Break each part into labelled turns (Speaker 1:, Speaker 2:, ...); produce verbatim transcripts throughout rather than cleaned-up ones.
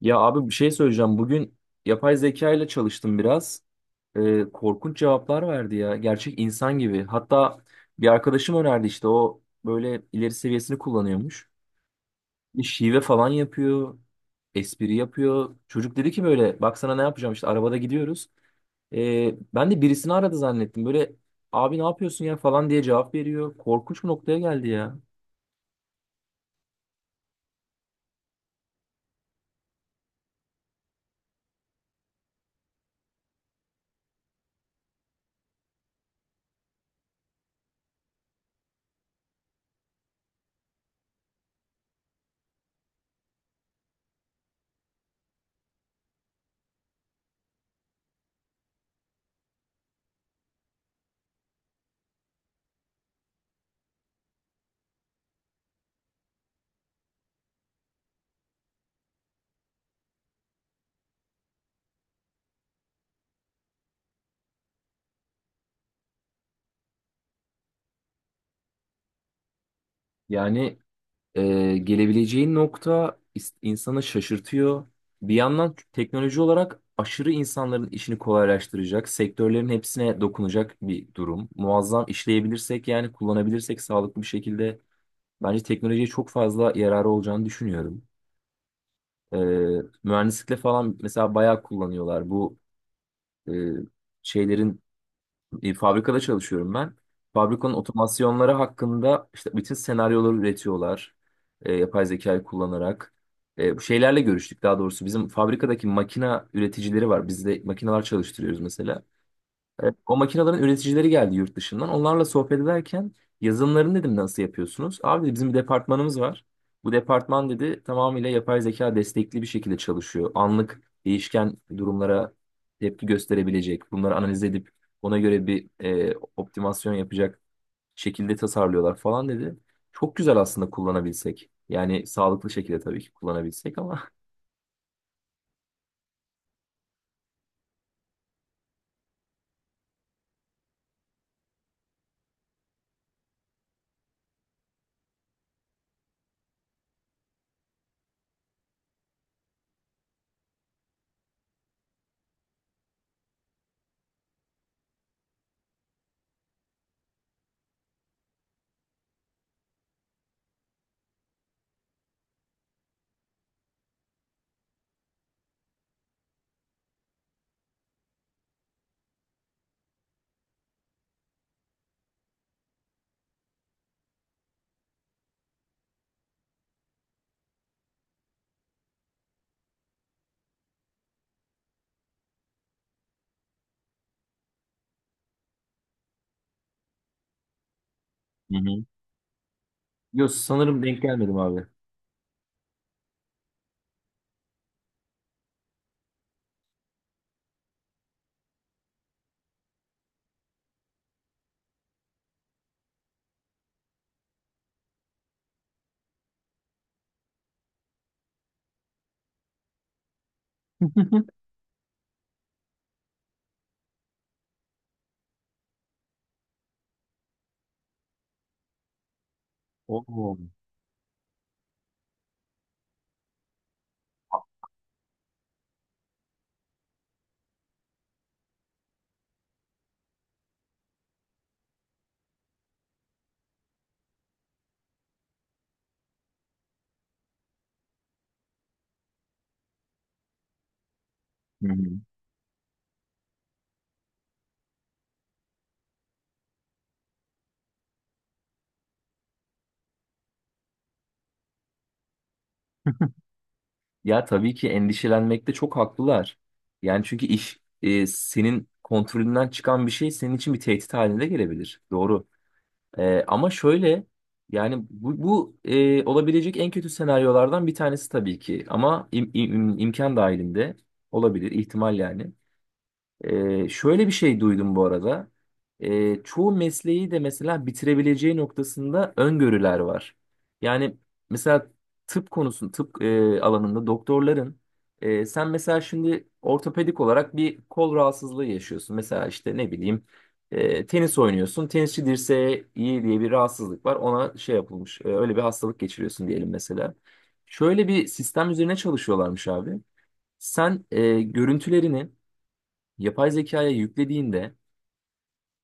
Speaker 1: Ya abi bir şey söyleyeceğim. Bugün yapay zeka ile çalıştım biraz. Ee, korkunç cevaplar verdi ya. Gerçek insan gibi. Hatta bir arkadaşım önerdi işte o böyle ileri seviyesini kullanıyormuş. Bir şive falan yapıyor. Espri yapıyor. Çocuk dedi ki böyle bak sana ne yapacağım işte arabada gidiyoruz. Ee, ben de birisini aradı zannettim. Böyle abi ne yapıyorsun ya falan diye cevap veriyor. Korkunç bir noktaya geldi ya. Yani, Ee, gelebileceği nokta is- insanı şaşırtıyor. Bir yandan teknoloji olarak aşırı insanların işini kolaylaştıracak, sektörlerin hepsine dokunacak bir durum. Muazzam işleyebilirsek yani kullanabilirsek sağlıklı bir şekilde bence teknolojiye çok fazla yararı olacağını düşünüyorum. Ee, mühendislikte falan mesela bayağı kullanıyorlar bu e, şeylerin e, fabrikada çalışıyorum ben. Fabrikanın otomasyonları hakkında işte bütün senaryoları üretiyorlar. E, yapay zekayı kullanarak. E, bu şeylerle görüştük daha doğrusu. Bizim fabrikadaki makina üreticileri var. Biz de makineler çalıştırıyoruz mesela. Evet, o makinelerin üreticileri geldi yurt dışından. Onlarla sohbet ederken yazılımlarını dedim nasıl yapıyorsunuz? Abi dedi, bizim bir departmanımız var. Bu departman dedi tamamıyla yapay zeka destekli bir şekilde çalışıyor. Anlık değişken durumlara tepki gösterebilecek, bunları analiz edip ona göre bir e, optimasyon yapacak şekilde tasarlıyorlar falan dedi. Çok güzel aslında kullanabilsek. Yani sağlıklı şekilde tabii ki kullanabilsek ama hı hı. Yok sanırım denk gelmedim abi. Oo. Hı hı. Ya tabii ki endişelenmekte çok haklılar. Yani çünkü iş e, senin kontrolünden çıkan bir şey senin için bir tehdit haline de gelebilir. Doğru. E, ama şöyle yani bu, bu e, olabilecek en kötü senaryolardan bir tanesi tabii ki. Ama im- im- im- imkan dahilinde olabilir ihtimal yani. Ee, şöyle bir şey duydum bu arada. Ee, çoğu mesleği de mesela bitirebileceği noktasında öngörüler var. Yani mesela tıp konusun, tıp e, alanında doktorların e, sen mesela şimdi ortopedik olarak bir kol rahatsızlığı yaşıyorsun. Mesela işte ne bileyim e, tenis oynuyorsun. Tenisçi dirseği iyi diye bir rahatsızlık var. Ona şey yapılmış. e, öyle bir hastalık geçiriyorsun diyelim mesela. Şöyle bir sistem üzerine çalışıyorlarmış abi. Sen e, görüntülerini yapay zekaya yüklediğinde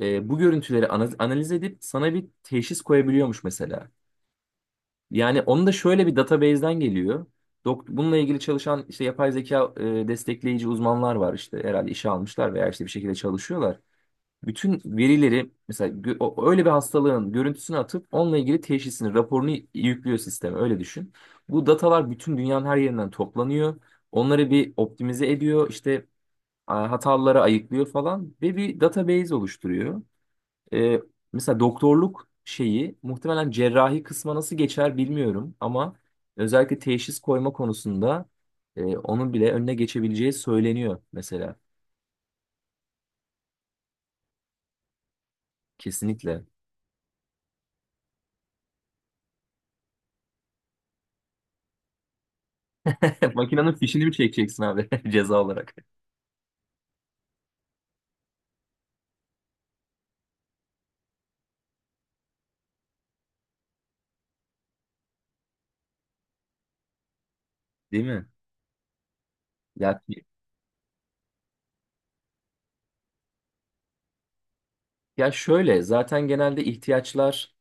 Speaker 1: e, bu görüntüleri ana- analiz edip sana bir teşhis koyabiliyormuş mesela. Yani onu da şöyle bir database'den geliyor. Dok bununla ilgili çalışan işte yapay zeka e, destekleyici uzmanlar var işte herhalde işe almışlar veya işte bir şekilde çalışıyorlar. Bütün verileri mesela gö- o- öyle bir hastalığın görüntüsünü atıp onunla ilgili teşhisini, raporunu yüklüyor sisteme öyle düşün. Bu datalar bütün dünyanın her yerinden toplanıyor. Onları bir optimize ediyor. İşte a- hataları ayıklıyor falan ve bir database oluşturuyor. Ee, mesela doktorluk şeyi muhtemelen cerrahi kısma nasıl geçer bilmiyorum ama özellikle teşhis koyma konusunda e, onun bile önüne geçebileceği söyleniyor mesela. Kesinlikle. Makinenin fişini mi çekeceksin abi ceza olarak? Değil mi? Ya, ya şöyle zaten genelde ihtiyaçlar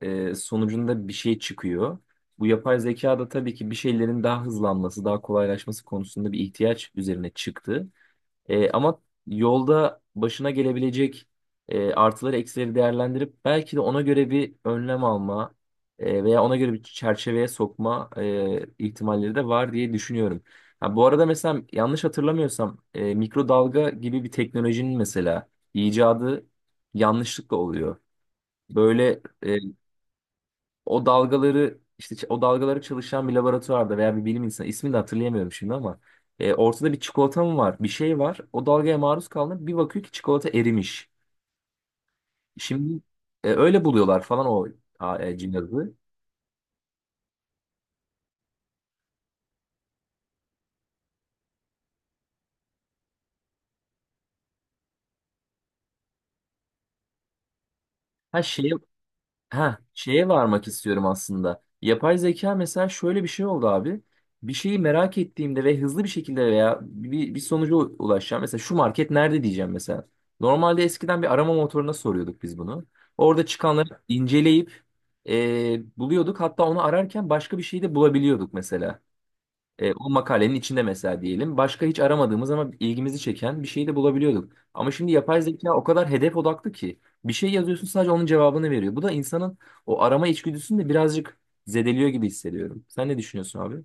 Speaker 1: e, sonucunda bir şey çıkıyor. Bu yapay zeka da tabii ki bir şeylerin daha hızlanması, daha kolaylaşması konusunda bir ihtiyaç üzerine çıktı. E, ama yolda başına gelebilecek e, artıları eksileri değerlendirip belki de ona göre bir önlem alma e, veya ona göre bir çerçeveye sokma e, ihtimalleri de var diye düşünüyorum. Ha, bu arada mesela yanlış hatırlamıyorsam e, mikrodalga gibi bir teknolojinin mesela icadı yanlışlıkla oluyor. Böyle o dalgaları işte ç- o dalgaları çalışan bir laboratuvarda veya bir bilim insanı ismini de hatırlayamıyorum şimdi ama e, ortada bir çikolata mı var bir şey var o dalgaya maruz kaldı bir bakıyor ki çikolata erimiş. Şimdi e, öyle buluyorlar falan o a, e, cihazı. Her şeye Ha, şeye varmak istiyorum aslında. Yapay zeka mesela şöyle bir şey oldu abi. Bir şeyi merak ettiğimde ve hızlı bir şekilde veya bir, bir sonuca u- ulaşacağım. Mesela şu market nerede diyeceğim mesela. Normalde eskiden bir arama motoruna soruyorduk biz bunu. Orada çıkanları inceleyip e, buluyorduk. Hatta onu ararken başka bir şey de bulabiliyorduk mesela. E, o makalenin içinde mesela diyelim. Başka hiç aramadığımız ama ilgimizi çeken bir şeyi de bulabiliyorduk. Ama şimdi yapay zeka o kadar hedef odaklı ki bir şey yazıyorsun sadece onun cevabını veriyor. Bu da insanın o arama içgüdüsünü de birazcık zedeliyor gibi hissediyorum. Sen ne düşünüyorsun abi?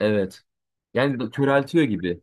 Speaker 1: Evet. Yani do- köreltiyor gibi.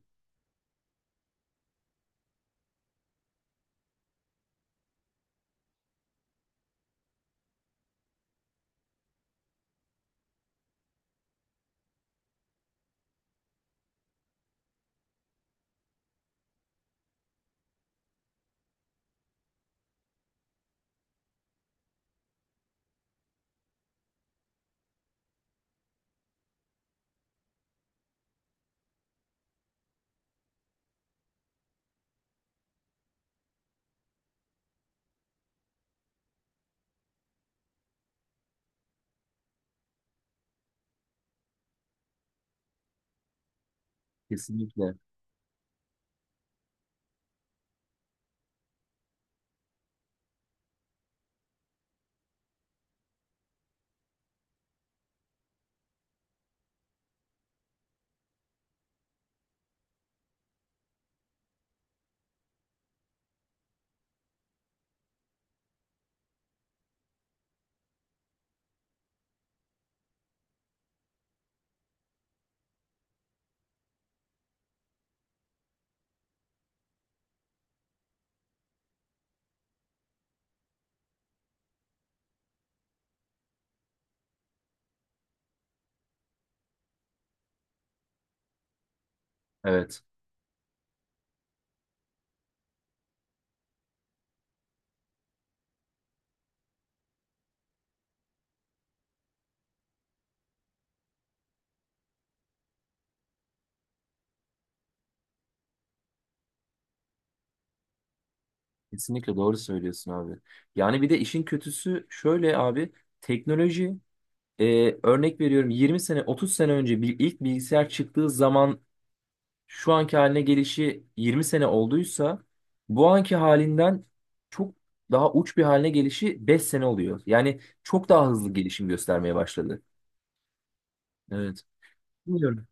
Speaker 1: Kesinlikle. Evet. Kesinlikle doğru söylüyorsun abi. Yani bir de işin kötüsü şöyle abi. Teknoloji e, örnek veriyorum yirmi sene otuz sene önce bir ilk bilgisayar çıktığı zaman şu anki haline gelişi yirmi sene olduysa bu anki halinden çok daha uç bir haline gelişi beş sene oluyor. Yani çok daha hızlı gelişim göstermeye başladı. Evet. Bilmiyorum.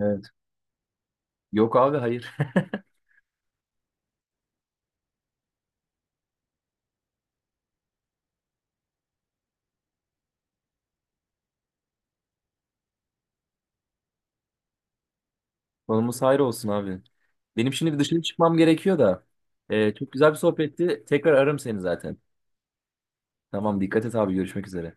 Speaker 1: Evet. Yok abi hayır. Konumuz hayır olsun abi. Benim şimdi bir dışarı çıkmam gerekiyor da. Ee, çok güzel bir sohbetti. Tekrar ararım seni zaten. Tamam dikkat et abi görüşmek üzere.